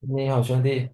你好，兄弟。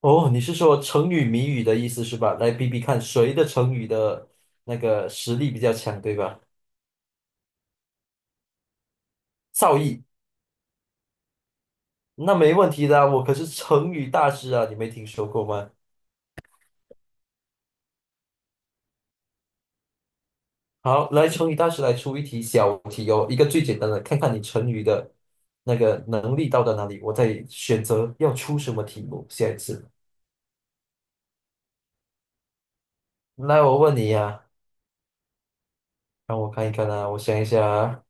哦，你是说成语谜语的意思是吧？来比比看谁的成语的那个实力比较强，对吧？造诣，那没问题的啊我可是成语大师啊，你没听说过吗？好，来，成语大师来出一题小题哦，一个最简单的，看看你成语的那个能力到达哪里，我再选择要出什么题目。下一次，来，我问你呀、让我看一看啊，我想一下啊，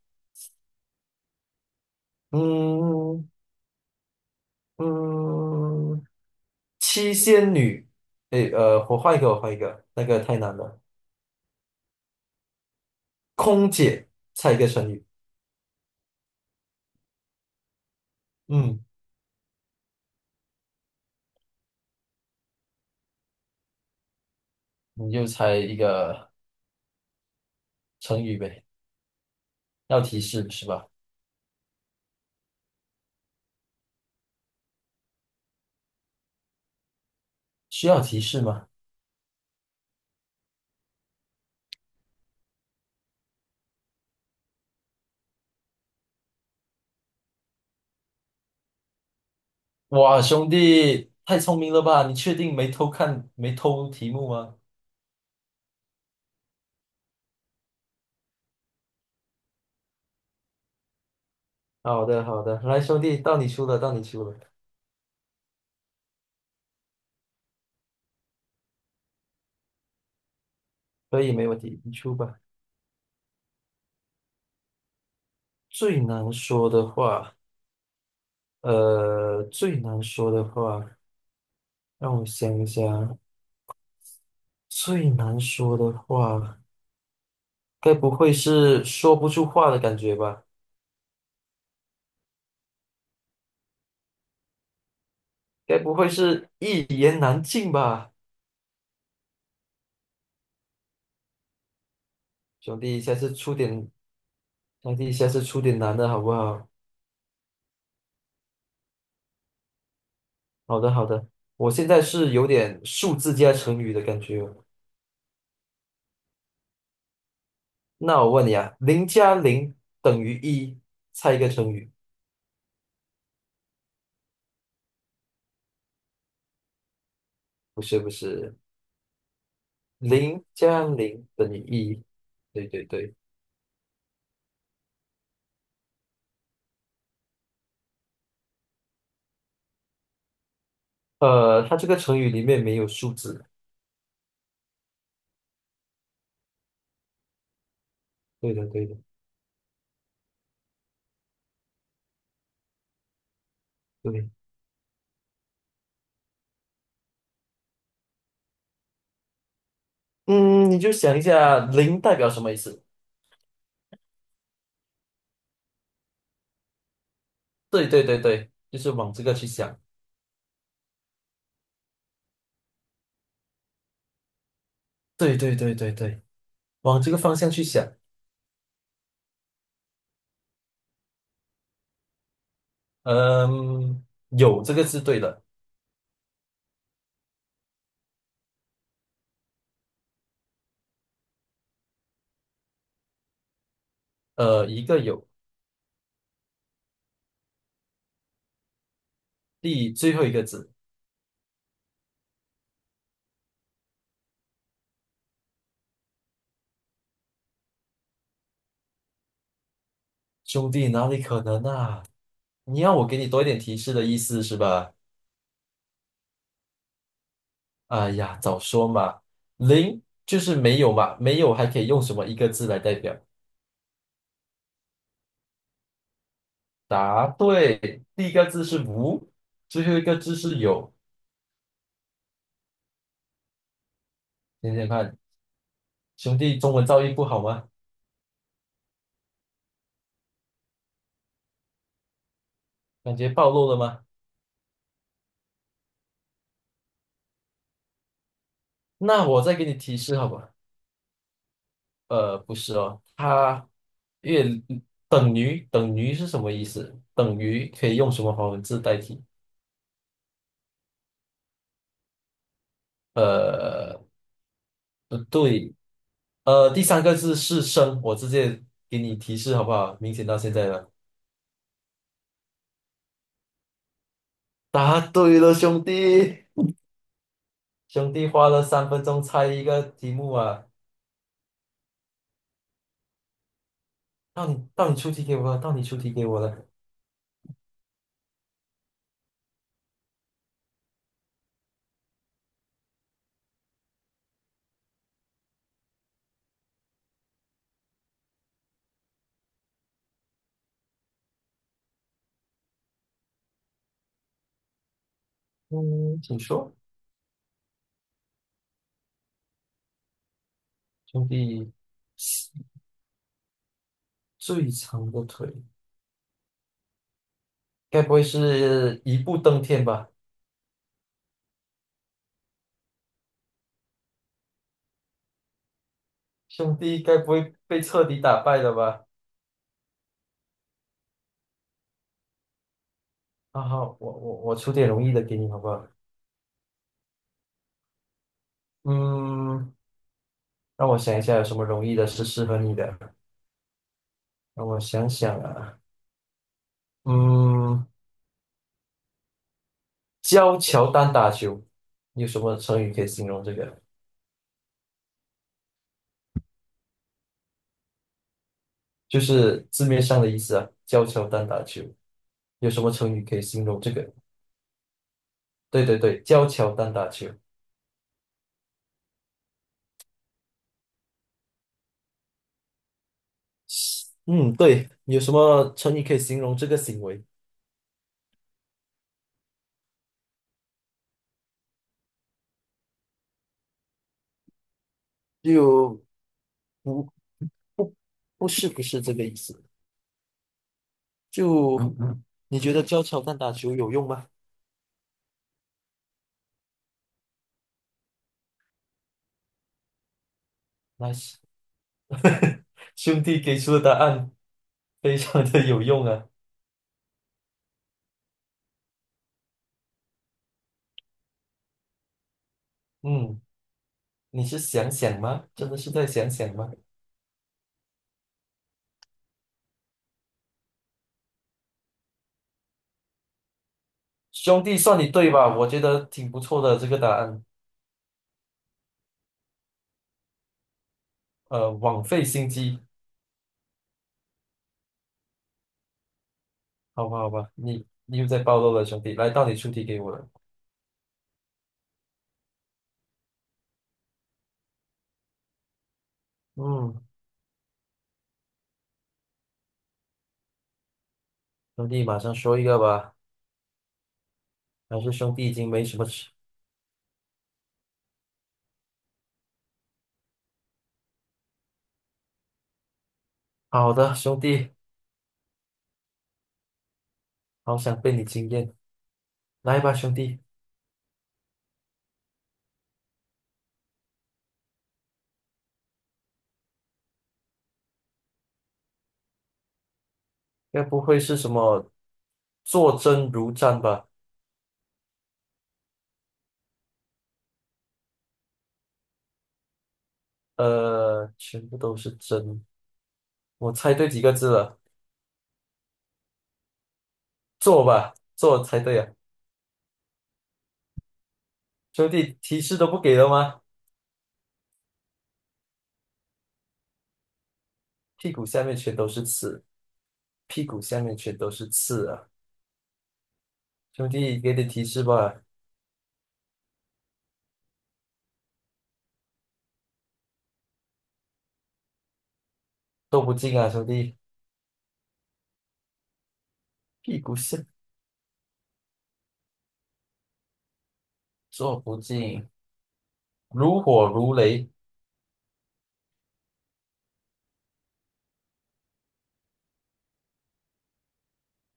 嗯嗯。七仙女，诶，我换一个，我换一个，那个太难了。空姐，猜一个成语。嗯，你就猜一个成语呗，要提示是吧？需要提示吗？哇，兄弟，太聪明了吧？你确定没偷看，没偷题目吗？好的，好的，来，兄弟，到你出了，到你出了，可以，没问题，你出吧。最难说的话，最难说的话，让我想一想，最难说的话。该不会是说不出话的感觉吧？该不会是一言难尽吧？兄弟，下次出点，兄弟，下次出点难的好不好？好的，好的。我现在是有点数字加成语的感觉哦。那我问你啊，零加零等于一，猜一个成语。不是不是，零加零等于一。对对对，它这个成语里面没有数字。对的对的对。嗯，你就想一下，零代表什么意思？对对对对，就是往这个去想，对对对对对，往这个方向去想，嗯，有这个字对的，一个有，第最后一个字，兄弟哪里可能啊？你要我给你多一点提示的意思是吧？哎呀，早说嘛，零就是没有嘛，没有还可以用什么一个字来代表？答对，第一个字是无，最后一个字是有，想想看，兄弟中文造诣不好吗？感觉暴露了吗？那我再给你提示好吧。不是哦，它越等于是什么意思？等于可以用什么华文字代替？呃，不对，第三个字是生，我直接给你提示好不好？明显到现在了，答对了，兄弟，兄弟花了3分钟猜一个题目啊，到你出题给我了，到你出题给我了，嗯，请说，兄弟，最长的腿，该不会是一步登天吧？兄弟该不会被彻底打败了吧？啊好，我出点容易的给你，好不好？嗯，让我想一下有什么容易的是适合你的。让我想想啊，嗯，教乔丹打球，有什么成语可以形容这个？就是字面上的意思啊，教乔丹打球，有什么成语可以形容这个？对对对，教乔丹打球。嗯，对，有什么成语可以形容这个行为？就不不不是不是这个意思。就你觉得教乔丹打球有用吗？n i c e 兄弟给出的答案非常的有用啊。嗯，你是想想吗？真的是在想想吗？兄弟，算你对吧？我觉得挺不错的这个答案。枉费心机，好吧，好吧，你又在暴露了，兄弟。来，到你出题给我了。嗯，兄弟，马上说一个吧。还是兄弟已经没什么吃好的，兄弟，好想被你惊艳。来吧，兄弟。该不会是什么坐针如毡吧？全部都是针，我猜对几个字了？坐吧，坐猜对啊！兄弟，提示都不给了吗？屁股下面全都是刺，屁股下面全都是刺啊！兄弟，给点提示吧，都不进啊，兄弟，屁股下坐不进，如火如雷，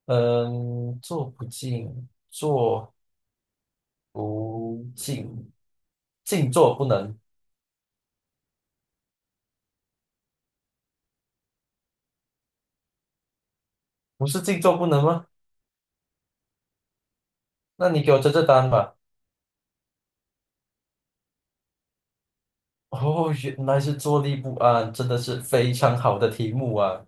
嗯，坐不进，坐不进，静坐不能，不是静坐不能吗？那你给我这单吧。哦，原来是坐立不安，真的是非常好的题目啊！